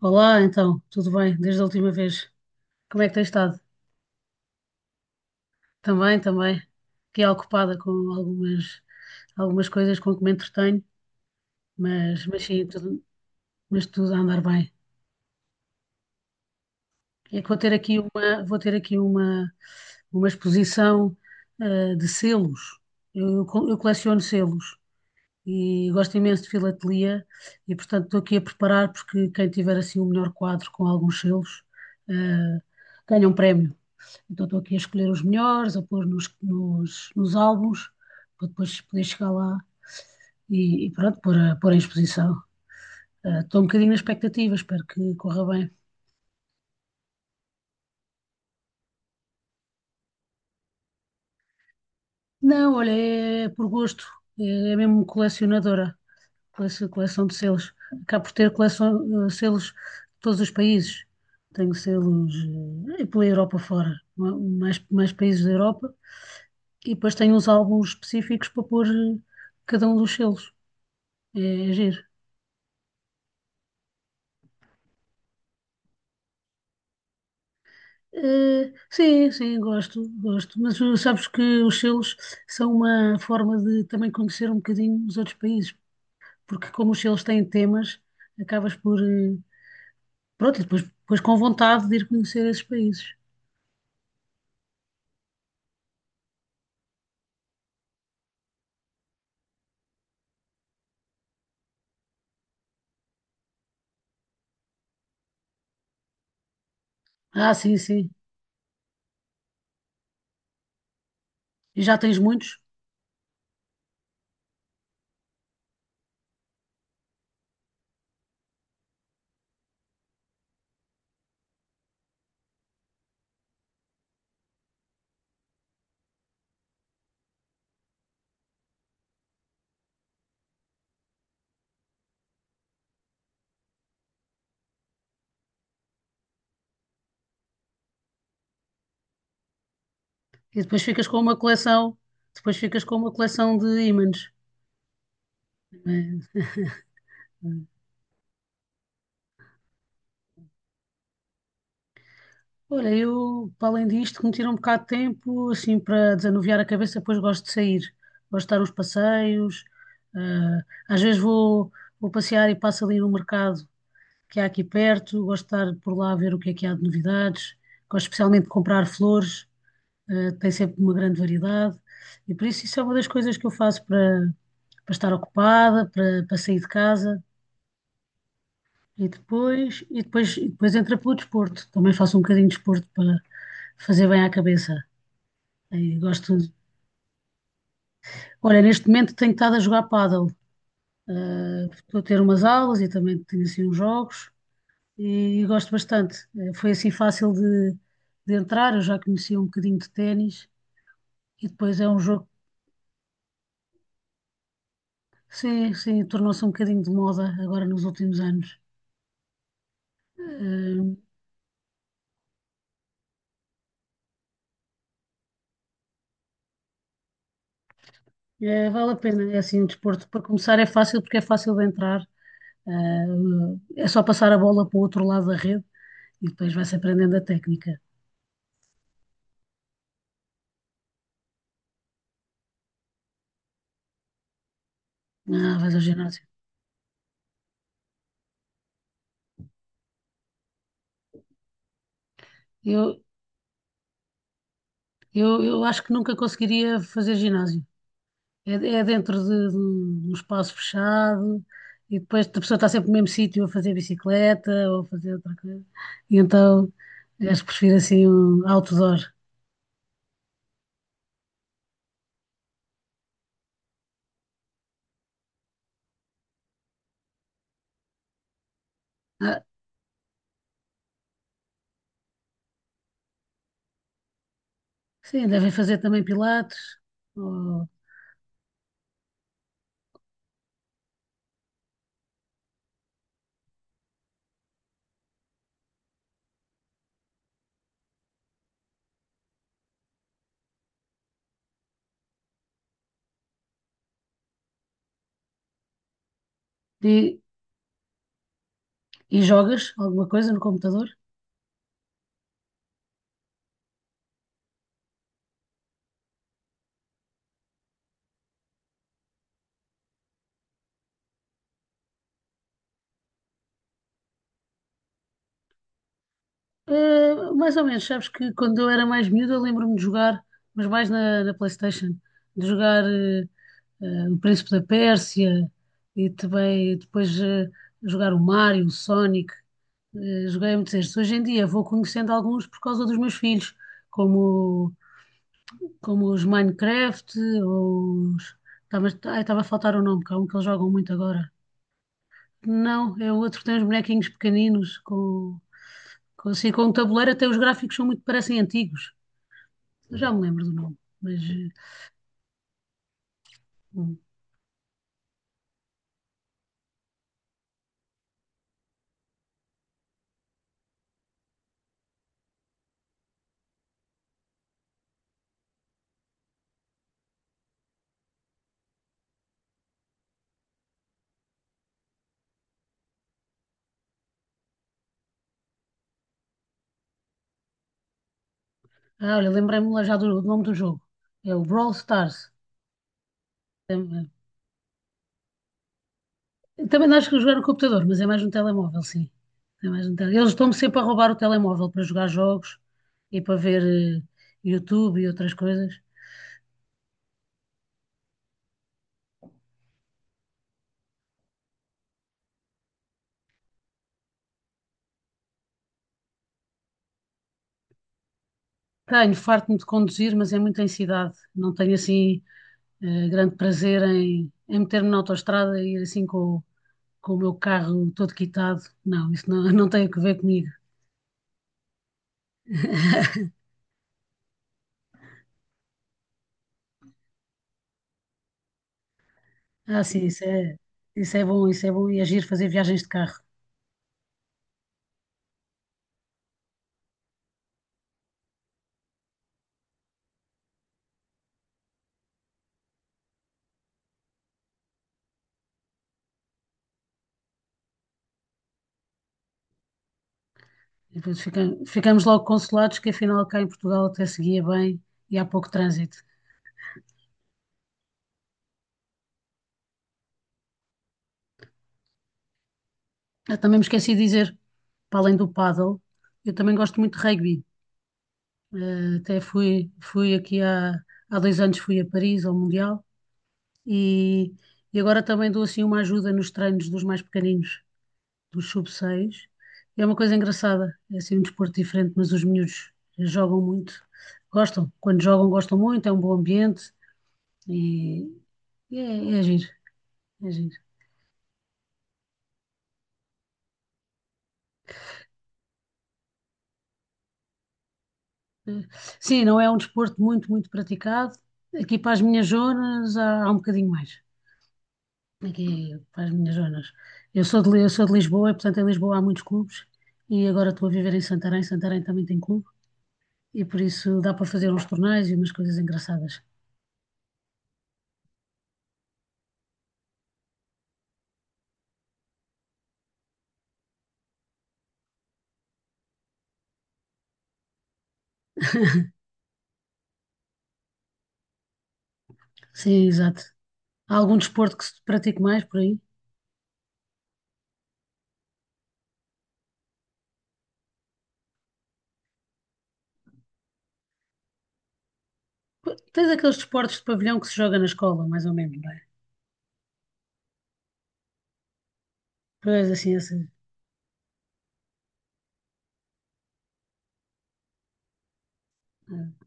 Olá, então, tudo bem? Desde a última vez, como é que tens estado? Também. Fiquei ocupada com algumas coisas com que me entretenho, mas sim, mas tudo a andar bem. É que vou ter aqui uma exposição, de selos. Eu coleciono selos e gosto imenso de filatelia e, portanto, estou aqui a preparar porque quem tiver assim o melhor quadro com alguns selos, eh, ganha um prémio. Então estou aqui a escolher os melhores, a pôr nos álbuns, para depois poder chegar lá e pronto, pôr em exposição. Estou um bocadinho na expectativa, espero que corra bem. Não, olha, é por gosto, é, é mesmo colecionadora, coleção de selos. Acabo por ter coleção, selos de todos os países. Tenho selos pela Europa fora, mais países da Europa, e depois tenho uns álbuns específicos para pôr cada um dos selos. É, é giro. Sim, sim, gosto. Mas sabes que os selos são uma forma de também conhecer um bocadinho os outros países, porque como os selos têm temas, acabas por, pronto, e depois, depois com vontade de ir conhecer esses países. Ah, sim, sim. E já tens muitos, e depois ficas com uma coleção, depois ficas com uma coleção de ímãs. É, é. Olha, eu, para além disto, que me tira um bocado de tempo, assim, para desanuviar a cabeça, depois gosto de sair. Gosto de dar uns passeios. ah, Às vezes vou passear e passo ali no mercado que há aqui perto. Gosto de estar por lá a ver o que é que há de novidades. Gosto especialmente de comprar flores, tem sempre uma grande variedade. E por isso isso é uma das coisas que eu faço para estar ocupada, para sair de casa. E depois entra pelo desporto. Também faço um bocadinho de desporto para fazer bem à cabeça. Aí gosto de- Olha, neste momento tenho estado a jogar pádel. Estou a ter umas aulas e também tenho assim uns jogos e gosto bastante. Foi assim fácil de entrar, eu já conhecia um bocadinho de ténis e depois é um jogo, sim, sim, tornou-se um bocadinho de moda agora nos últimos anos. Eh, Vale a pena, é assim um desporto para começar é fácil porque é fácil de entrar. Ah, é só passar a bola para o outro lado da rede e depois vai-se aprendendo a técnica. Ah, vais ao ginásio. Eu, eu acho que nunca conseguiria fazer ginásio. É, é de um espaço fechado e depois a pessoa está sempre no mesmo sítio a fazer bicicleta ou a fazer outra coisa. E então acho que prefiro assim um outdoor. Ah, sim, devem fazer também pilates ou- e, e jogas alguma coisa no computador. Mais ou menos, sabes que quando eu era mais miúdo eu lembro-me de jogar, mas mais na PlayStation, de jogar o Príncipe da Pérsia e também depois jogar o Mario, o Sonic, joguei muitos estes. Hoje em dia vou conhecendo alguns por causa dos meus filhos, como, como os Minecraft, ou os... Estava, ai, estava a faltar o nome, que há um que eles jogam muito agora. Não, é o outro que tem os bonequinhos pequeninos assim, com um tabuleiro, até os gráficos são muito, parecem antigos. Já me lembro do nome, mas. hum, Ah, olha, lembrei-me já do nome do jogo. É o Brawl Stars. É- é- Também acho que jogar no computador, mas é mais no telemóvel, sim. É mais no tele- Eles estão-me sempre a roubar o telemóvel para jogar jogos e para ver YouTube e outras coisas. Tenho, farto-me de conduzir, mas é muito em cidade. Não tenho assim grande prazer em meter-me na autoestrada e ir assim com o meu carro todo quitado. Não, isso não, não tem a ver comigo. Ah, sim, isso é, isso é bom, isso é bom e agir fazer viagens de carro. E depois fica- ficamos logo consolados que afinal cá em Portugal até seguia bem e há pouco trânsito. Eu também me esqueci de dizer, para além do paddle, eu também gosto muito de rugby. Fui aqui há 2 anos fui a Paris ao Mundial e, e agora também dou assim uma ajuda nos treinos dos mais pequeninos, dos sub-6. É uma coisa engraçada, é assim um desporto diferente, mas os miúdos jogam muito, gostam, quando jogam gostam muito, é um bom ambiente e, e é giro, é giro. Sim, não é um desporto muito praticado. Aqui para as minhas zonas há um bocadinho mais. Aqui para as minhas zonas. Eu sou de Lisboa e, portanto, em Lisboa há muitos clubes. E agora estou a viver em Santarém. Santarém também tem clube. E por isso dá para fazer uns torneios e umas coisas engraçadas. Sim, exato. Há algum desporto que se pratique mais por aí? Pô, tens aqueles desportos de pavilhão que se joga na escola, mais ou menos, não é? Pois assim, assim. eh,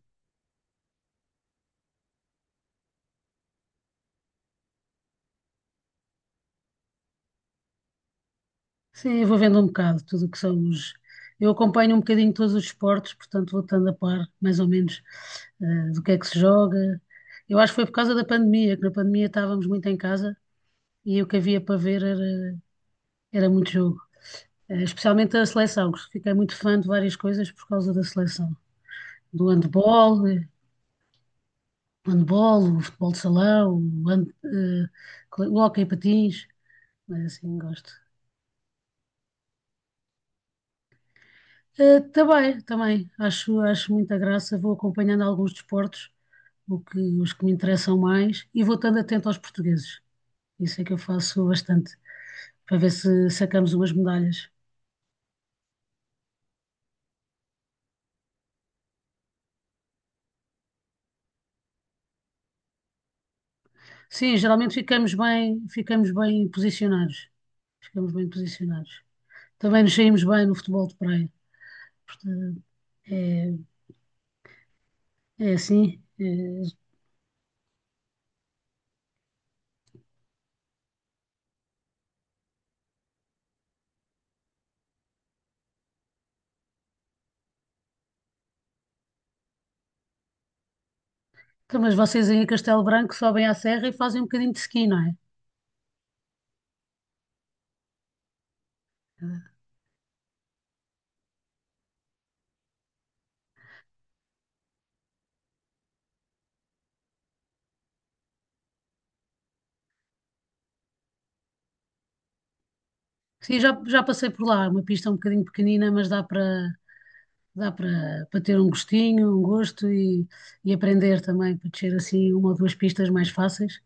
Sim, eu vou vendo um bocado tudo o que são os. Eu acompanho um bocadinho todos os esportes, portanto vou estando a par, mais ou menos, do que é que se joga. Eu acho que foi por causa da pandemia, que na pandemia estávamos muito em casa e o que havia para ver era muito jogo. Especialmente a seleção, que fiquei muito fã de várias coisas por causa da seleção. Do handball, o handball, o futebol de salão, o, hand, eh, o hóquei em patins, mas assim gosto. Também, acho muita graça, vou acompanhando alguns desportos, os que me interessam mais, e vou estando atento aos portugueses. Isso é que eu faço bastante, para ver se sacamos umas medalhas. Sim, geralmente ficamos bem posicionados. Ficamos bem posicionados. Também nos saímos bem no futebol de praia. Portanto, é, é assim, é Então, mas vocês aí em Castelo Branco sobem à serra e fazem um bocadinho de ski, não é? Sim, já, já passei por lá, é uma pista um bocadinho pequenina, mas dá para dá para ter um gostinho, um gosto e aprender também, para descer assim uma ou duas pistas mais fáceis,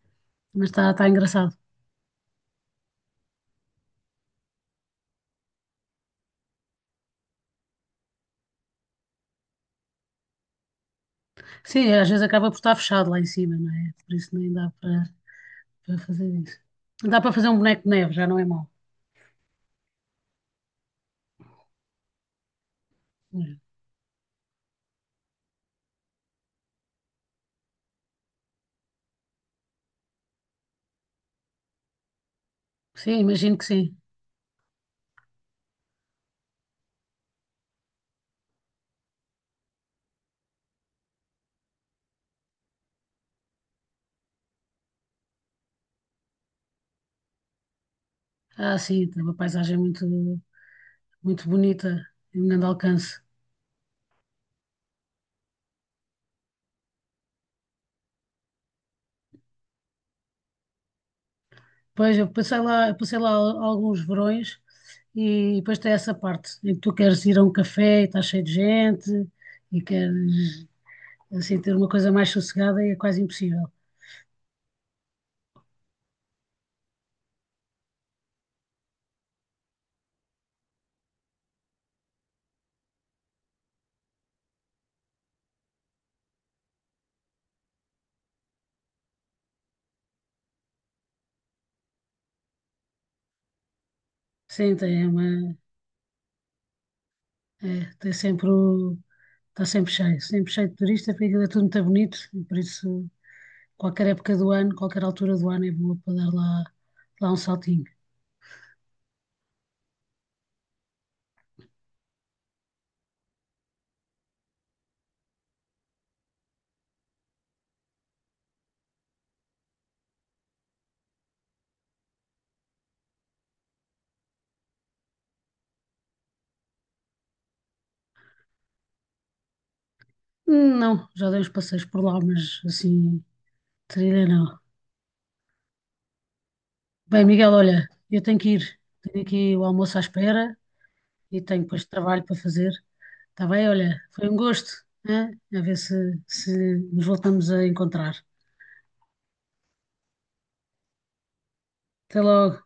mas está tá engraçado. Sim, às vezes acaba por estar fechado lá em cima, não é? Por isso nem dá para para fazer isso. Dá para fazer um boneco de neve, já não é mau. Sim, imagino que sim. Ah, sim, tem uma paisagem muito bonita, em grande alcance. Pois, eu passei lá alguns verões e depois tem essa parte em que tu queres ir a um café e estás cheio de gente e queres assim ter uma coisa mais sossegada e é quase impossível. Sim, tem uma, é, tem sempre o, está sempre cheio de turistas, porque aquilo é tudo muito bonito e por isso qualquer época do ano, qualquer altura do ano é boa para dar lá, lá um saltinho. Não, já dei uns passeios por lá, mas assim, trilha não. Bem, Miguel, olha, eu tenho que ir. Tenho aqui o almoço à espera e tenho depois trabalho para fazer. Está bem? Olha, foi um gosto, né? A ver se, se nos voltamos a encontrar. Até logo.